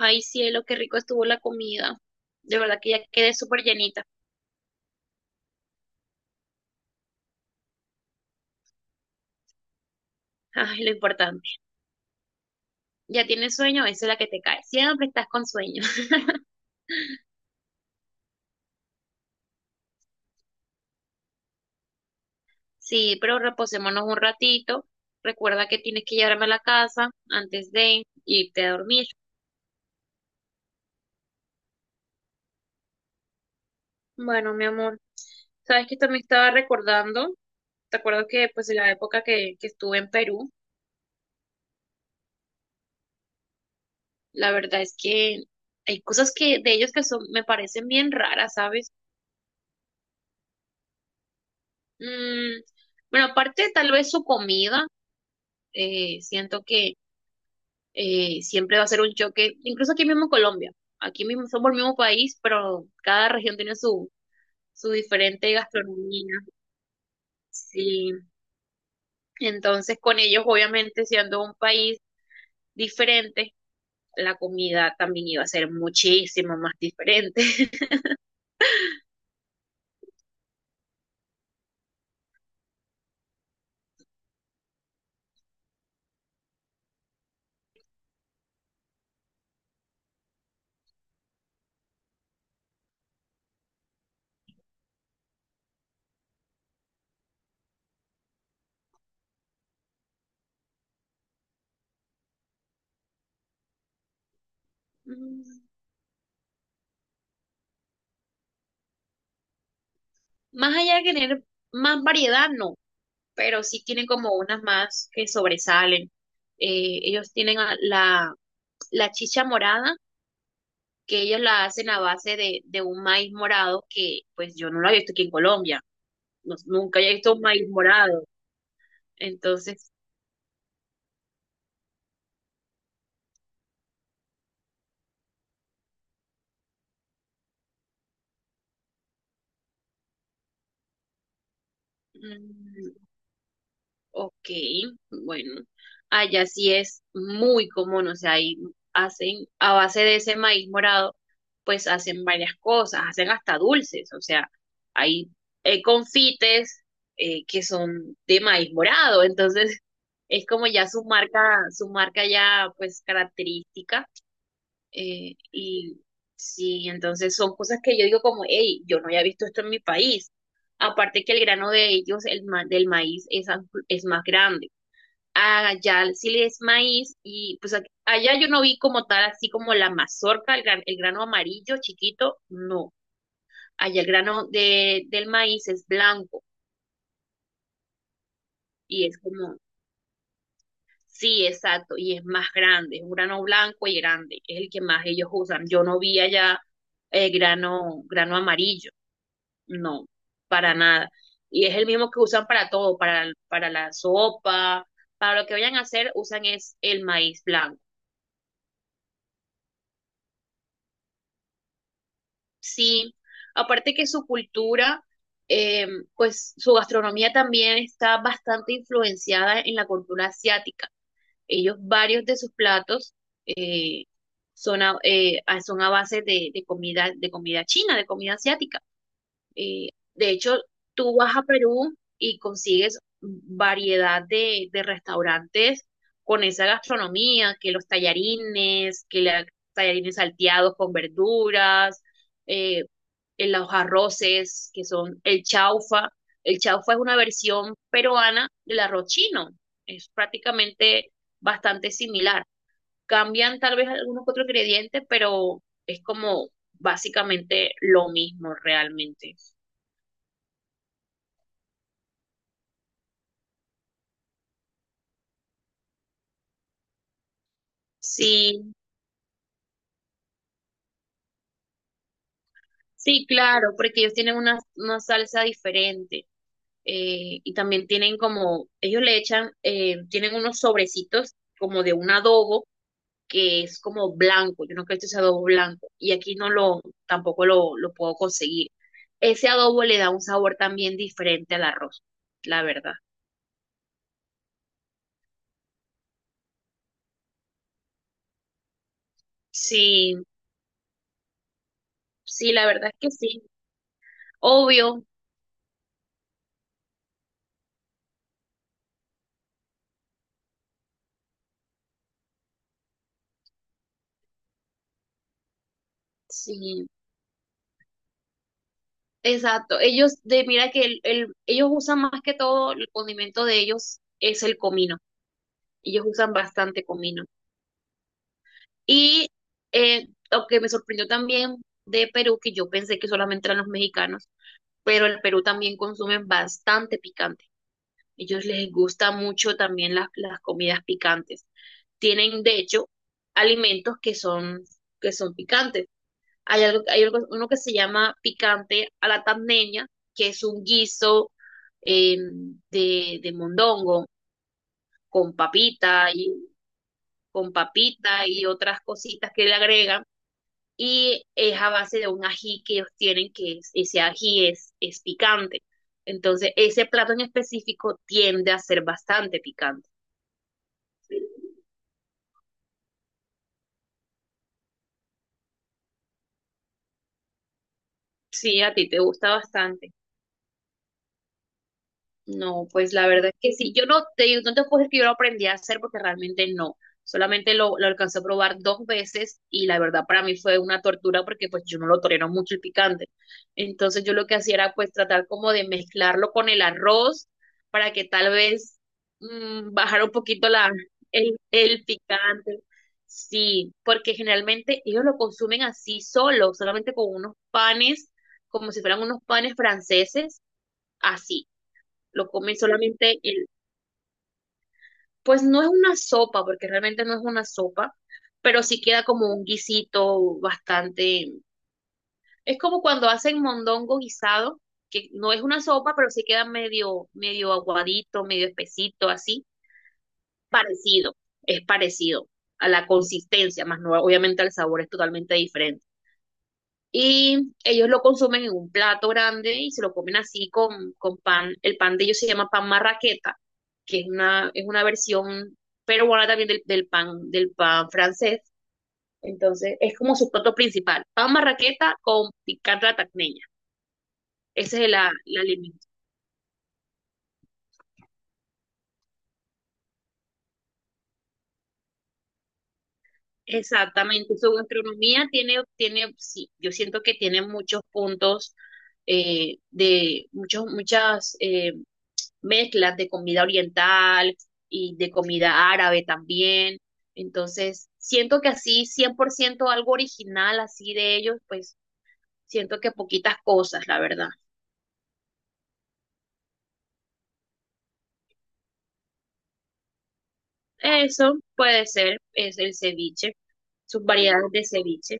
Ay, cielo, qué rico estuvo la comida. De verdad que ya quedé súper llenita. Ay, lo importante. ¿Ya tienes sueño? Esa es la que te cae. Siempre estás con sueño. Sí, pero reposémonos un ratito. Recuerda que tienes que llevarme a la casa antes de irte a dormir. Bueno, mi amor, sabes que también estaba recordando, te acuerdo que pues en la época que estuve en Perú, la verdad es que hay cosas que de ellos que son, me parecen bien raras, ¿sabes? Mm, bueno, aparte tal vez su comida. Siento que siempre va a ser un choque, incluso aquí mismo en Colombia, aquí mismo somos el mismo país, pero cada región tiene su diferente gastronomía. Sí, entonces con ellos, obviamente, siendo un país diferente, la comida también iba a ser muchísimo más diferente. Mm, Más allá de tener más variedad, no, pero sí tienen como unas más que sobresalen. Ellos tienen la chicha morada, que ellos la hacen a base de un maíz morado que pues yo no lo había visto aquí en Colombia, nunca había visto un maíz morado. Entonces, mm, ok, bueno, allá sí es muy común, o sea, ahí hacen a base de ese maíz morado, pues hacen varias cosas, hacen hasta dulces, o sea, hay confites que son de maíz morado, entonces es como ya su marca ya pues característica. Y sí, entonces son cosas que yo digo como, hey, yo no había visto esto en mi país. Aparte que el grano de ellos, del maíz, es más grande. Allá sí es maíz y pues allá yo no vi como tal, así como la mazorca, el grano amarillo chiquito, no. Allá el grano del maíz es blanco y es como, sí, exacto, y es más grande, es un grano blanco y grande, es el que más ellos usan. Yo no vi allá grano amarillo. No, para nada. Y es el mismo que usan para todo, para la sopa, para lo que vayan a hacer, usan es el maíz blanco. Sí, aparte que su cultura, eh, pues su gastronomía también está bastante influenciada en la cultura asiática. Ellos, varios de sus platos eh, son a base de comida, de comida china, de comida asiática. Eh, de hecho, tú vas a Perú y consigues variedad de restaurantes con esa gastronomía, que los tallarines salteados con verduras, eh, en los arroces, que son el chaufa. El chaufa es una versión peruana del arroz chino. Es prácticamente bastante similar. Cambian tal vez algunos otros ingredientes, pero es como básicamente lo mismo realmente. Sí, sí, claro, porque ellos tienen una salsa diferente. Y también tienen como, ellos le echan, tienen unos sobrecitos como de un adobo que es como blanco, yo no creo que ese adobo blanco, y aquí tampoco lo puedo conseguir. Ese adobo le da un sabor también diferente al arroz, la verdad. Sí, sí, la verdad es que sí. Obvio, sí. Exacto, ellos, mira que ellos usan más que todo, el condimento de ellos es el comino, ellos usan bastante comino. Y lo que me sorprendió también de Perú, que yo pensé que solamente eran los mexicanos, pero el Perú también consumen bastante picante. Ellos les gusta mucho también las comidas picantes. Tienen, de hecho, alimentos que son, picantes. Uno que se llama picante a la tandeña, que es un guiso eh, de mondongo con papita y con papita y otras cositas que le agregan. Y es a base de un ají que ellos tienen, ese ají es picante. Entonces, ese plato en específico tiende a ser bastante picante. Sí, a ti te gusta bastante. No, pues la verdad es que sí. Yo no te, digo- No te puedo decir que yo lo aprendí a hacer porque realmente no. Solamente lo alcancé a probar dos veces y la verdad para mí fue una tortura porque pues yo no lo tolero mucho el picante. Entonces yo lo que hacía era pues tratar como de mezclarlo con el arroz para que tal vez bajara un poquito la, el picante. Sí, porque generalmente ellos lo consumen así solo, solamente con unos panes, como si fueran unos panes franceses, así lo come solamente el, pues no es una sopa, porque realmente no es una sopa, pero sí queda como un guisito bastante, es como cuando hacen mondongo guisado, que no es una sopa, pero sí queda medio, medio aguadito, medio espesito, así, parecido, es parecido a la consistencia, más no, obviamente el sabor es totalmente diferente. Y ellos lo consumen en un plato grande y se lo comen así con pan. El pan de ellos se llama pan marraqueta, que es una, versión peruana también del pan francés. Entonces, es como su plato principal. Pan marraqueta con picante de la tacneña. Ese es la el alimento. Exactamente. Su gastronomía tiene, sí, yo siento que tiene muchos puntos de muchos, muchas mezclas de comida oriental y de comida árabe también. Entonces, siento que así 100% algo original así de ellos, pues siento que poquitas cosas, la verdad. Eso puede ser, es el ceviche, sus variedades de ceviche.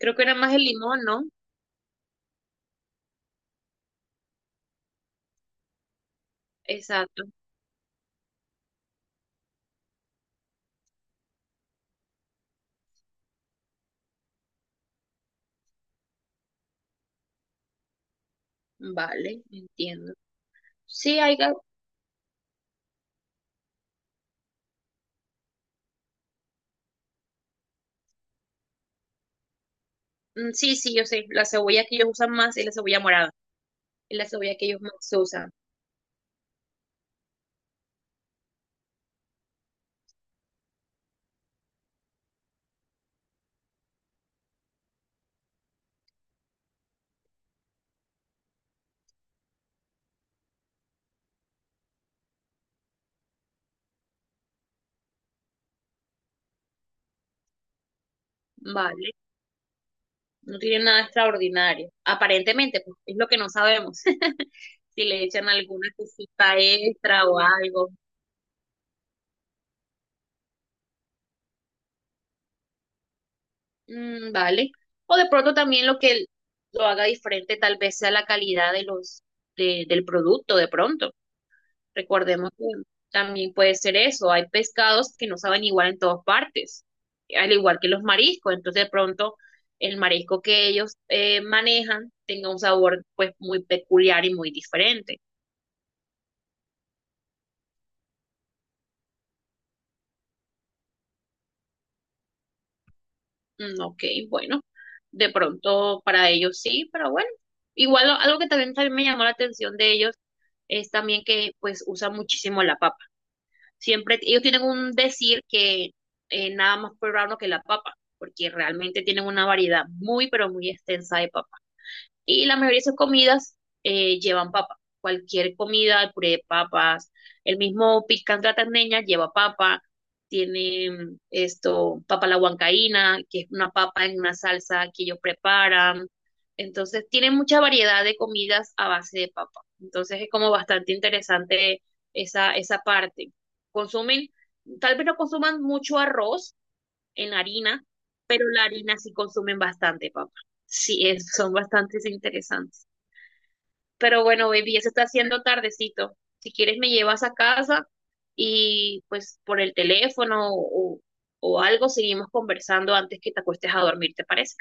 Creo que era más el limón, ¿no? Exacto. Vale, entiendo. Sí, mm, sí, sí, yo sé, la cebolla que ellos usan más es la cebolla morada, es la cebolla que ellos más usan. Vale. No tiene nada extraordinario. Aparentemente, pues es lo que no sabemos. Si le echan alguna cosita extra o algo. Mm, vale. O de pronto también lo que lo haga diferente tal vez sea la calidad de los, del producto, de pronto. Recordemos que también puede ser eso. Hay pescados que no saben igual en todas partes, al igual que los mariscos. Entonces, de pronto, el marisco que ellos manejan tenga un sabor pues muy peculiar y muy diferente. Mm, ok, bueno, de pronto para ellos sí, pero bueno, igual algo que también me llamó la atención de ellos es también que pues usan muchísimo la papa. Siempre ellos tienen un decir que nada más peruano que la papa, porque realmente tienen una variedad muy, pero muy extensa de papas. Y la mayoría de esas comidas llevan papa. Cualquier comida, el puré de papas, el mismo picante de la tandeña lleva papa. Tiene esto, papa a la huancaína, que es una papa en una salsa que ellos preparan. Entonces, tiene mucha variedad de comidas a base de papa. Entonces, es como bastante interesante esa parte. Consumen, tal vez no consuman mucho arroz en harina, pero la harina sí consumen bastante, papá. Sí, son bastantes interesantes. Pero bueno, baby, ya se está haciendo tardecito. Si quieres me llevas a casa y pues por el teléfono o algo seguimos conversando antes que te acuestes a dormir, ¿te parece?